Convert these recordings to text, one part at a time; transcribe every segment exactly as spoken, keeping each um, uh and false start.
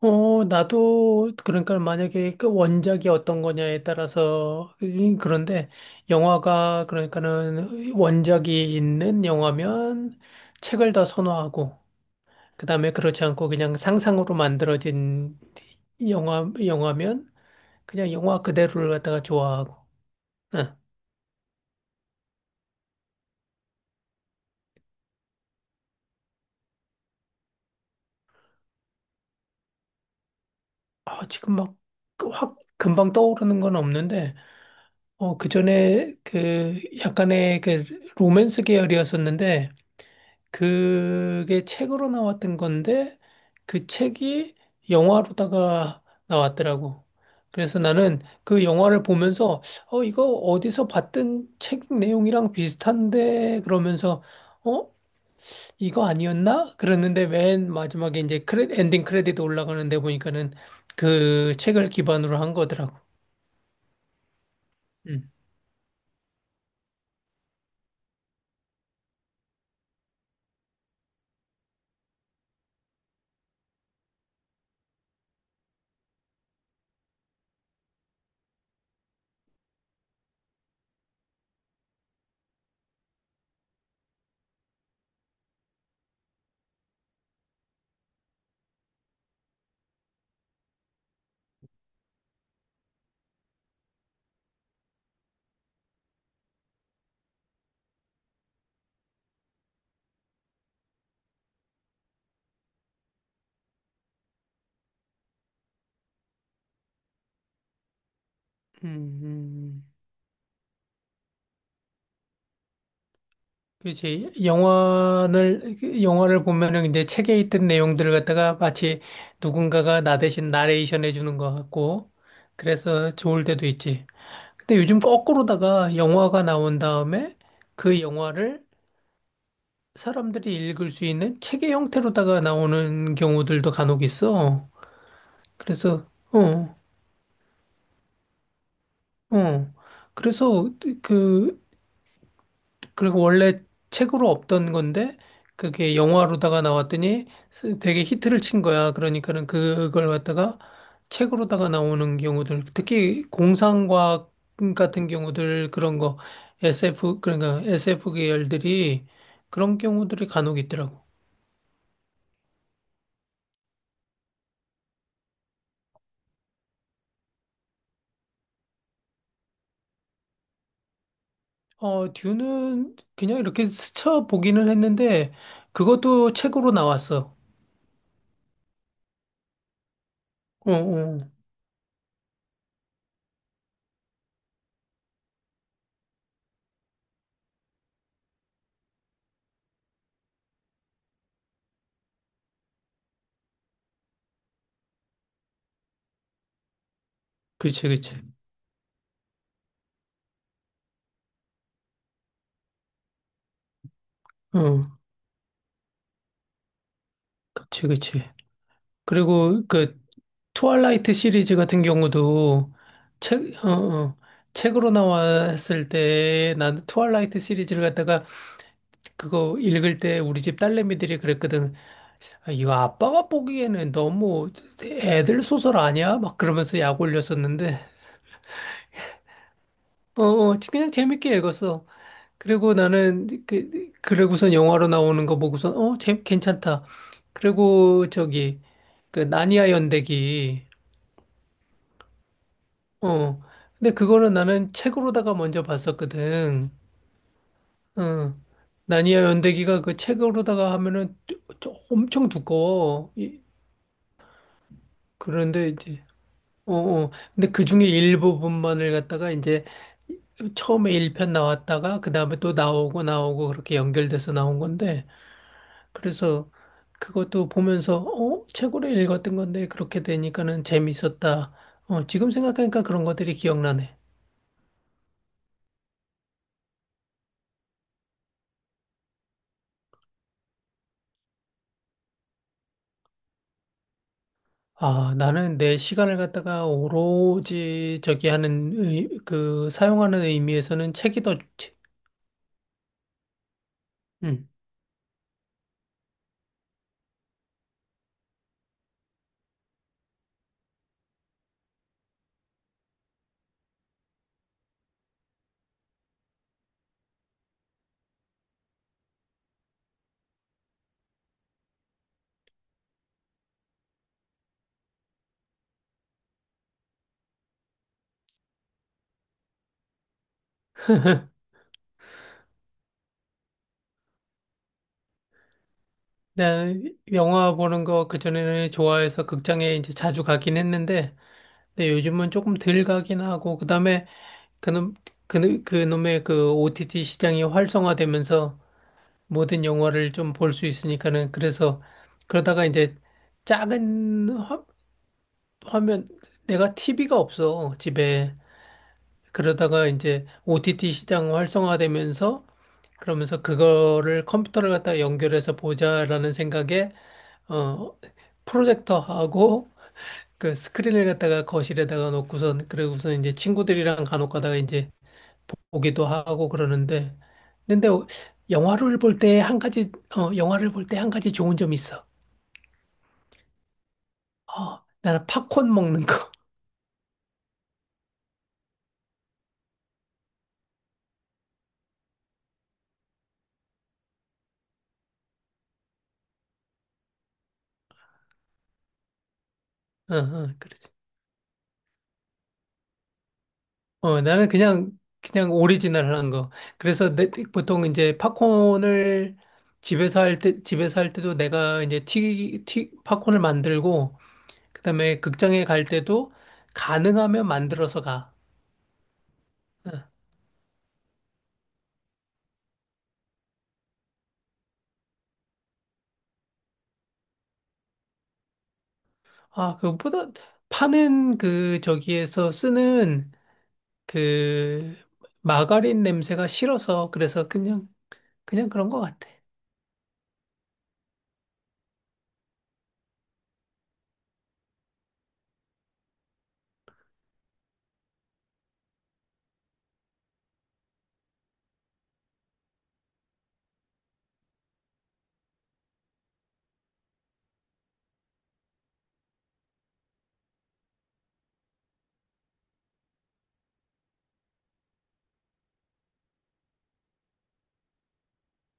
어, 나도, 그러니까 만약에 그 원작이 어떤 거냐에 따라서, 이- 그런데 영화가, 그러니까는 원작이 있는 영화면 책을 더 선호하고, 그 다음에 그렇지 않고 그냥 상상으로 만들어진 영화, 영화면 그냥 영화 그대로를 갖다가 좋아하고, 응. 아, 지금 막 그 확 금방 떠오르는 건 없는데, 어, 그 전에 그 약간의 그 로맨스 계열이었었는데, 그게 책으로 나왔던 건데 그 책이 영화로다가 나왔더라고. 그래서 나는 그 영화를 보면서 어 이거 어디서 봤던 책 내용이랑 비슷한데, 그러면서 어 이거 아니었나? 그랬는데 맨 마지막에 이제 크레, 엔딩 크레딧 올라가는데 보니까는 그 책을 기반으로 한 거더라고. 음. 음, 음. 그렇지. 영화를, 그 영화를 보면은 이제 책에 있던 내용들을 갖다가 마치 누군가가 나 대신 나레이션 해주는 것 같고, 그래서 좋을 때도 있지. 근데 요즘 거꾸로다가 영화가 나온 다음에 그 영화를 사람들이 읽을 수 있는 책의 형태로다가 나오는 경우들도 간혹 있어. 그래서, 어, 어. 그래서 그 그리고 원래 책으로 없던 건데 그게 영화로다가 나왔더니 스- 되게 히트를 친 거야. 그러니까는 그걸 갖다가 책으로다가 나오는 경우들, 특히 공상과학 같은 경우들 그런 거 에스에프, 그러니까 에스에프 계열들이 그런 경우들이 간혹 있더라고. 어, 듀는 그냥 이렇게 스쳐 보기는 했는데 그것도 책으로 나왔어. 어, 어. 그치, 그치. 어, 그치, 그치. 그리고 그 트와일라이트 시리즈 같은 경우도 책, 어, 어, 책으로 나왔을 때, 나는 트와일라이트 시리즈를 갖다가 그거 읽을 때 우리 집 딸내미들이 그랬거든. 아, 이거 아빠가 보기에는 너무 애들 소설 아니야? 막 그러면서 약 올렸었는데. 어, 어, 그냥 재밌게 읽었어. 그리고 나는 그, 그러고선 영화로 나오는 거 보고선 어, 재, 괜찮다. 그리고 저기 그 나니아 연대기. 어. 근데 그거는 나는 책으로다가 먼저 봤었거든. 어. 나니아 연대기가 그 책으로다가 하면은 뚜- 저- 엄청 두꺼워. 이- 그런데 이제 어, 어. 근데 그 중에 일부분만을 갖다가 이제 처음에 일 편 나왔다가 그다음에 또 나오고 나오고 그렇게 연결돼서 나온 건데, 그래서 그것도 보면서 어, 책으로 읽었던 건데 그렇게 되니까는 재밌었다. 어, 지금 생각하니까 그런 것들이 기억나네. 아, 나는 내 시간을 갖다가 오로지 저기 하는 의, 그 사용하는 의미에서는 책이 더 좋지. 응. 내가 영화 보는 거 그전에는 좋아해서 극장에 이제 자주 가긴 했는데, 근데 요즘은 조금 덜 가긴 하고, 그다음에 그놈 그놈 그놈의 그 오티티 시장이 활성화되면서 모든 영화를 좀 볼 수 있으니까는, 그래서 그러다가 이제 작은 화, 화면 내가 티비가 없어 집에. 그러다가 이제 오티티 시장 활성화되면서, 그러면서 그거를 컴퓨터를 갖다 연결해서 보자라는 생각에 어 프로젝터하고 그 스크린을 갖다가 거실에다가 놓고선, 그러고선 이제 친구들이랑 간혹 가다가 이제 보기도 하고 그러는데. 근데 영화를 볼 때 한 가지 어 영화를 볼 때 한 가지 좋은 점이 있어. 어 나는 팝콘 먹는 거. 어, 어, 그렇지. 어, 나는 그냥, 그냥 오리지널 한 거. 그래서 내, 보통 이제 팝콘을 집에서 할 때, 집에서 할 때도 내가 이제 튀, 튀, 팝콘을 만들고, 그다음에 극장에 갈 때도 가능하면 만들어서 가. 어. 아, 그것보다 파는 그 저기에서 쓰는 그 마가린 냄새가 싫어서, 그래서 그냥, 그냥 그런 것 같아.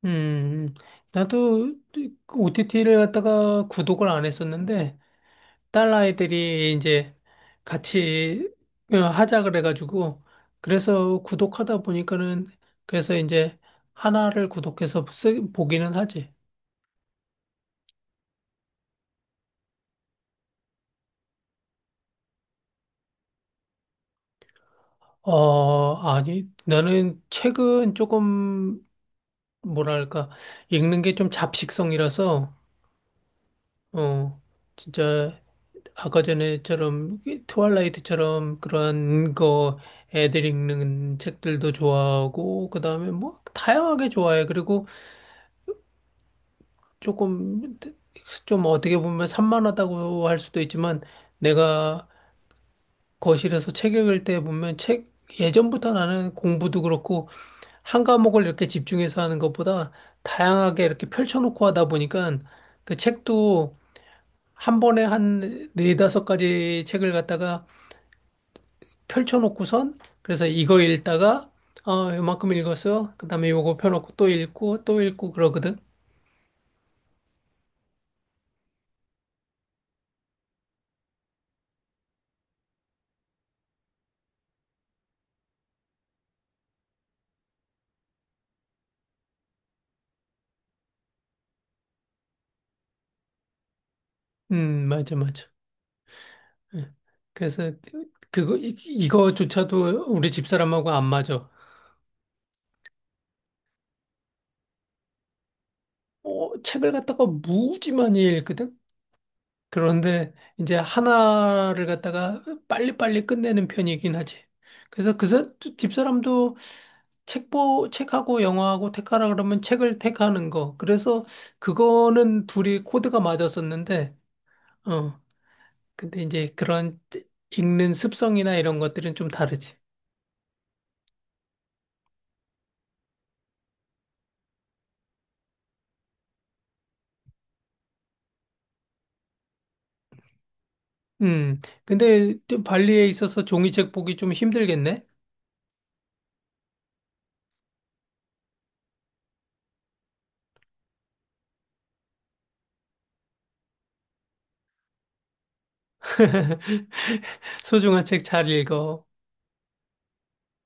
음, 음. 나도 오티티를 갖다가 구독을 안 했었는데, 딸아이들이 이제 같이 어, 하자 그래가지고, 그래서 구독하다 보니까는, 그래서 이제 하나를 구독해서 쓰, 보기는 하지. 어, 아니, 나는 책은 조금 뭐랄까 읽는 게 좀 잡식성이라서, 어, 진짜 아까 전에처럼 이 트와일라이트처럼 그런 거 애들 읽는 책들도 좋아하고, 그다음에 뭐 다양하게 좋아해. 그리고 조금, 좀 어떻게 보면 산만하다고 할 수도 있지만, 내가 거실에서 책 읽을 때 보면 책 예전부터 나는 공부도 그렇고 한 과목을 이렇게 집중해서 하는 것보다 다양하게 이렇게 펼쳐놓고 하다 보니까, 그 책도 한 번에 한 네다섯 가지 책을 갖다가 펼쳐놓고선, 그래서 이거 읽다가 어, 이만큼 읽었어. 그다음에 요거 펴놓고 또 읽고 또 읽고 그러거든. 음, 맞아, 맞아. 예. 그래서 그거 이- 이거조차도 우리 집사람하고 안 맞아. 어, 책을 갖다가 무지 많이 읽거든. 그런데 이제 하나를 갖다가 빨리빨리 끝내는 편이긴 하지. 그래서 그 사- 집사람도 책보 책하고 영화하고 택하라 그러면 책을 택하는 거. 그래서 그거는 둘이 코드가 맞았었는데, 어. 근데 이제 그런 읽는 습성이나 이런 것들은 좀 다르지. 음, 근데 또 발리에 있어서 종이책 보기 좀 힘들겠네? 소중한 책 잘 읽어.